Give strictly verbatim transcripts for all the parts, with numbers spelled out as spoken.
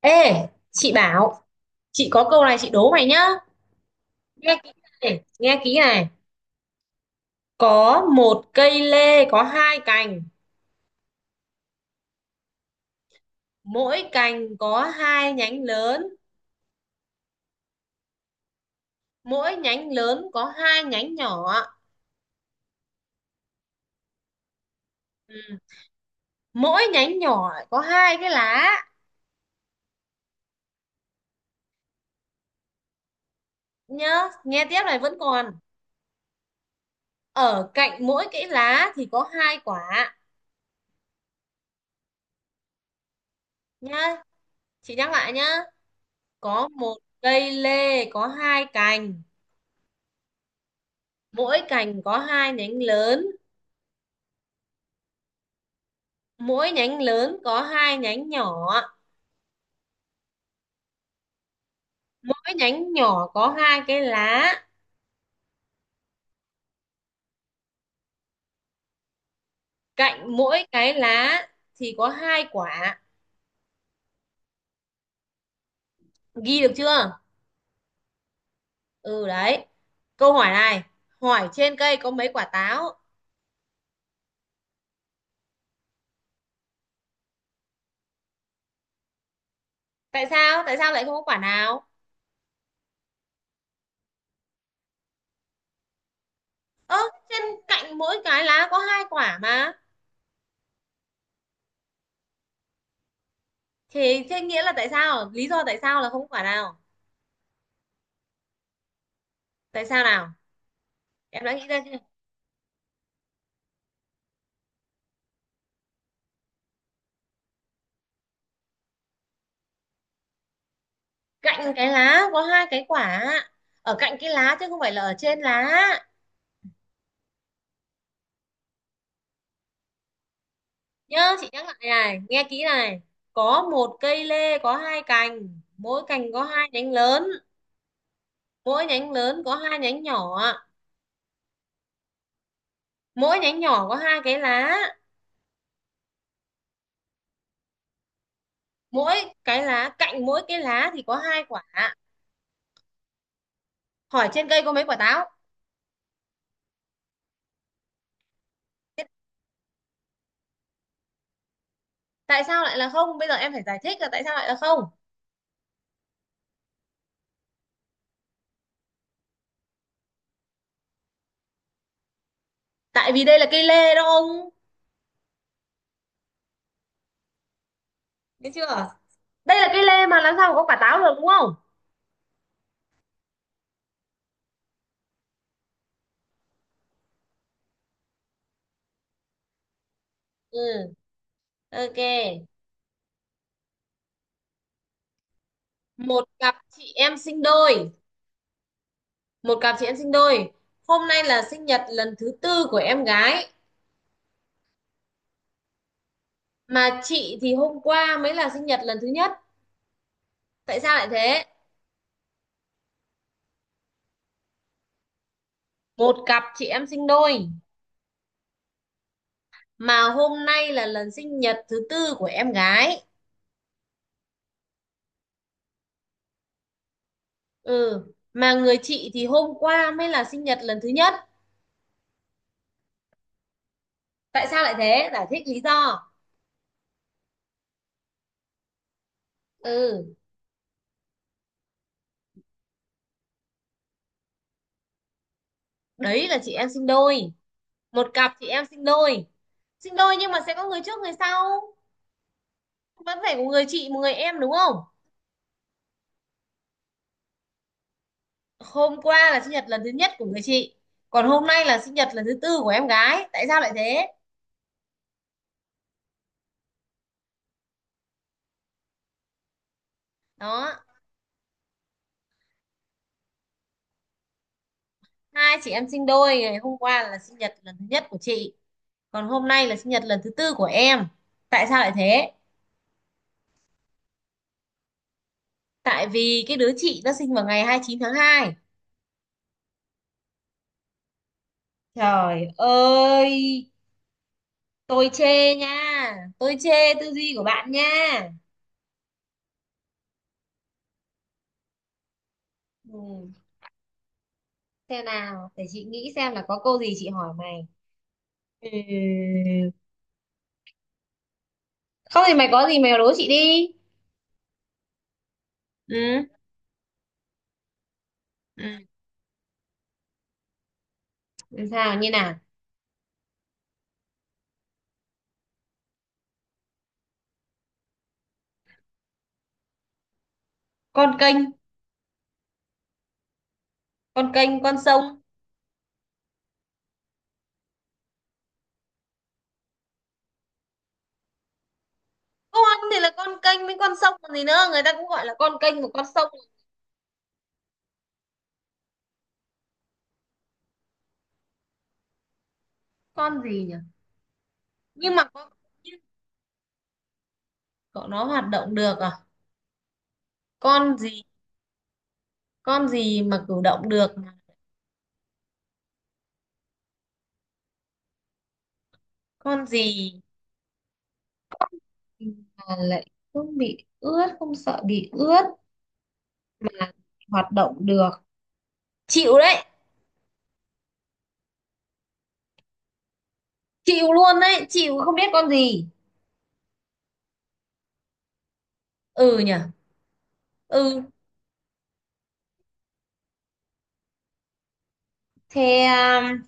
Ê, chị bảo, chị có câu này chị đố mày nhá. Nghe kỹ này, nghe kỹ này. Có một cây lê có hai cành, mỗi cành có hai nhánh lớn, mỗi nhánh lớn có hai nhánh nhỏ. Ừ. Mỗi nhánh nhỏ có hai cái lá nhá. Nghe tiếp này vẫn còn. Ở cạnh mỗi cái lá thì có hai quả nhá. Chị nhắc lại nhá. Có một cây lê có hai cành, mỗi cành có hai nhánh lớn, mỗi nhánh lớn có hai nhánh nhỏ, mỗi nhánh nhỏ có hai cái lá, cạnh mỗi cái lá thì có hai quả. Ghi được chưa? Ừ đấy, câu hỏi này hỏi trên cây có mấy quả táo. Tại sao tại sao lại không có quả nào? Ơ, trên cạnh mỗi cái lá có hai quả mà. Thì thế nghĩa là tại sao, lý do tại sao là không có quả nào. Tại sao nào? Em đã nghĩ ra chưa? Cạnh cái lá có hai cái quả, ở cạnh cái lá chứ không phải là ở trên lá. Nhớ chị nhắc lại này, nghe kỹ này. Có một cây lê có hai cành, mỗi cành có hai nhánh lớn, mỗi nhánh lớn có hai nhánh nhỏ, mỗi nhánh nhỏ có hai cái lá, mỗi cái lá cạnh mỗi cái lá thì có hai quả. Hỏi trên cây có mấy quả táo. Tại sao lại là không? Bây giờ em phải giải thích là tại sao lại là không. Tại vì đây là cây lê đó ông, biết chưa? Đây là cây lê mà làm sao mà có quả táo được, đúng không? Ừ. Ok. một cặp chị em sinh đôi một cặp chị em sinh đôi hôm nay là sinh nhật lần thứ tư của em gái, mà chị thì hôm qua mới là sinh nhật lần thứ nhất. Tại sao lại thế? Một cặp chị em sinh đôi mà hôm nay là lần sinh nhật thứ tư của em gái. Ừ. Mà người chị thì hôm qua mới là sinh nhật lần thứ nhất. Tại sao lại thế? Giải thích lý do. Ừ, đấy là chị em sinh đôi, một cặp chị em sinh đôi. Sinh đôi nhưng mà sẽ có người trước người sau, vẫn phải có người chị một người em, đúng không? Hôm qua là sinh nhật lần thứ nhất của người chị, còn hôm nay là sinh nhật lần thứ tư của em gái. Tại sao lại thế? Đó. Hai chị em sinh đôi, ngày hôm qua là sinh nhật lần thứ nhất của chị, còn hôm nay là sinh nhật lần thứ tư của em. Tại sao lại thế? Tại vì cái đứa chị nó sinh vào ngày hai mươi chín tháng hai. Trời ơi, tôi chê nha, tôi chê tư duy của bạn nha. Ừ, xem nào, để chị nghĩ xem là có câu gì chị hỏi mày. Ừ. Không thì mày có gì mày đố chị đi. Ừ. Sao như nào? Con kênh. Con kênh con sông. Con thì là con kênh với con sông còn gì nữa, người ta cũng gọi là con kênh và con sông. Con gì nhỉ? Nhưng mà con, cậu, nó hoạt động được à? Con gì? Con gì mà cử động được? Con gì mà lại không bị ướt, không sợ bị ướt, mà hoạt động được? Chịu đấy. Chịu luôn đấy, chịu không biết con gì. Ừ nhỉ. Ừ. thế um,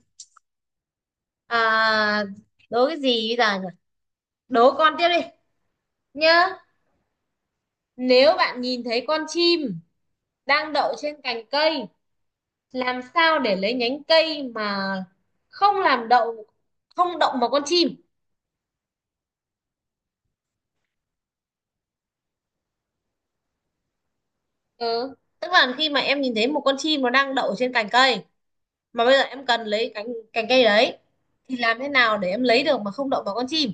à, đố cái gì bây giờ nhỉ? Đố con tiếp đi nhá. Nếu bạn nhìn thấy con chim đang đậu trên cành cây, làm sao để lấy nhánh cây mà không làm đậu, không động vào con chim? Ừ. Tức là khi mà em nhìn thấy một con chim nó đang đậu trên cành cây, mà bây giờ em cần lấy cành cành cây đấy, thì làm thế nào để em lấy được mà không động vào con chim?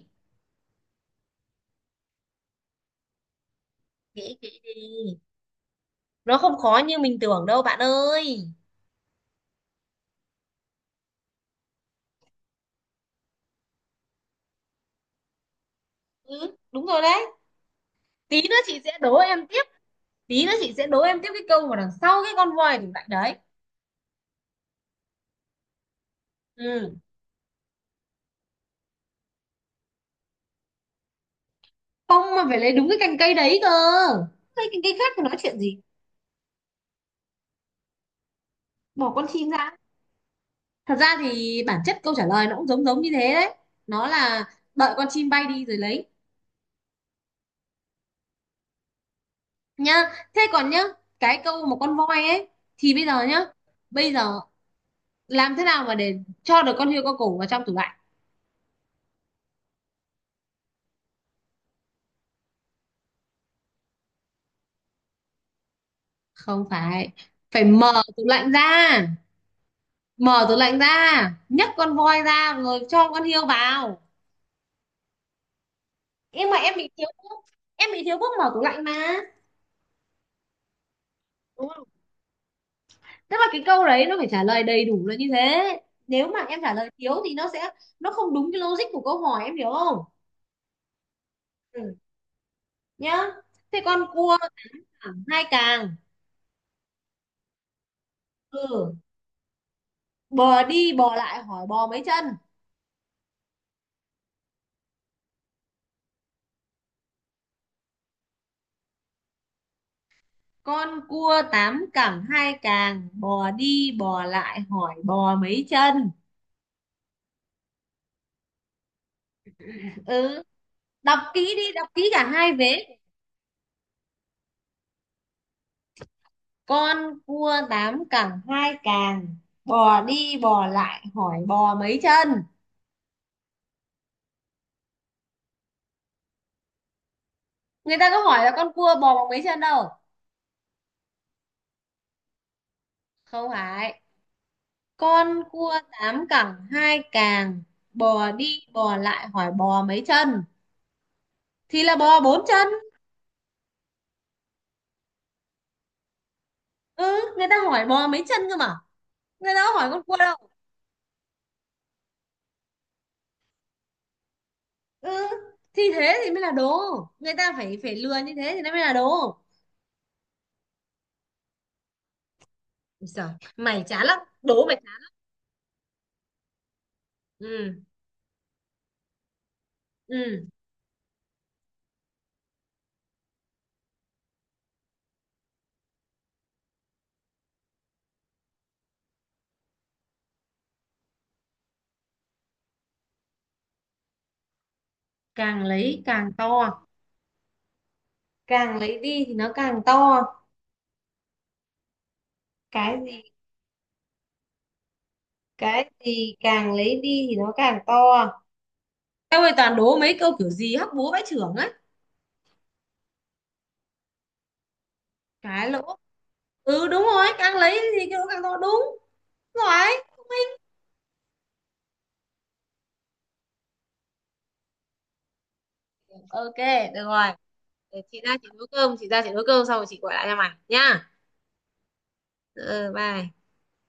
Nghĩ kỹ đi. Nó không khó như mình tưởng đâu bạn ơi. Ừ, đúng rồi đấy. Tí nữa chị sẽ đố em tiếp, tí nữa chị sẽ đố em tiếp cái câu mà đằng sau cái con voi đỉnh mạnh đấy. Ừ. Không, mà phải lấy đúng cái cành cây đấy cơ, lấy cành cây khác thì nói chuyện gì. Bỏ con chim ra. Thật ra thì bản chất câu trả lời nó cũng giống giống như thế đấy, nó là đợi con chim bay đi rồi lấy nhá. Thế còn nhá cái câu mà con voi ấy, thì bây giờ nhá, bây giờ làm thế nào mà để cho được con hươu con cổ vào trong tủ lạnh? Không phải, phải mở tủ lạnh ra. Mở tủ lạnh ra, nhấc con voi ra rồi cho con hươu vào. Nhưng mà em bị thiếu thuốc. Em bị thiếu thuốc, mở tủ lạnh mà. Tức là cái câu đấy nó phải trả lời đầy đủ là như thế, nếu mà em trả lời thiếu thì nó sẽ, nó không đúng cái logic của câu hỏi, em hiểu không? Ừ. Nhá. Thế con cua thẳng hai càng. Ừ. Bò đi bò lại hỏi bò mấy chân. Con cua tám cẳng hai càng bò đi bò lại hỏi bò mấy chân. Ừ. Đọc kỹ đi, đọc kỹ cả hai vế. Con cua tám cẳng hai càng bò đi bò lại hỏi bò mấy chân. Người ta có hỏi là con cua bò bằng mấy chân đâu. Không phải. Con cua tám cẳng hai càng bò đi bò lại hỏi bò mấy chân thì là bò bốn chân. Ừ. Người ta hỏi bò mấy chân cơ mà, người ta có hỏi con cua đâu. Ừ, thì thế thì mới là đố. Người ta phải phải lừa như thế thì nó mới là đố. Giời, mày chán lắm, đố mày chán. Ừ. Ừ. Càng lấy càng to. Càng lấy đi thì nó càng to. Cái gì? Cái gì càng lấy đi thì nó càng to? Tao ơi, toàn đố mấy câu kiểu gì hóc búa bãi trưởng ấy. Cái lỗ. Ừ đúng rồi, càng lấy thì cái đó càng to, đúng rồi. Ok, được rồi, để chị ra chị nấu cơm chị ra chị nấu cơm xong rồi chị gọi lại cho mày nhá. Ừ, bye.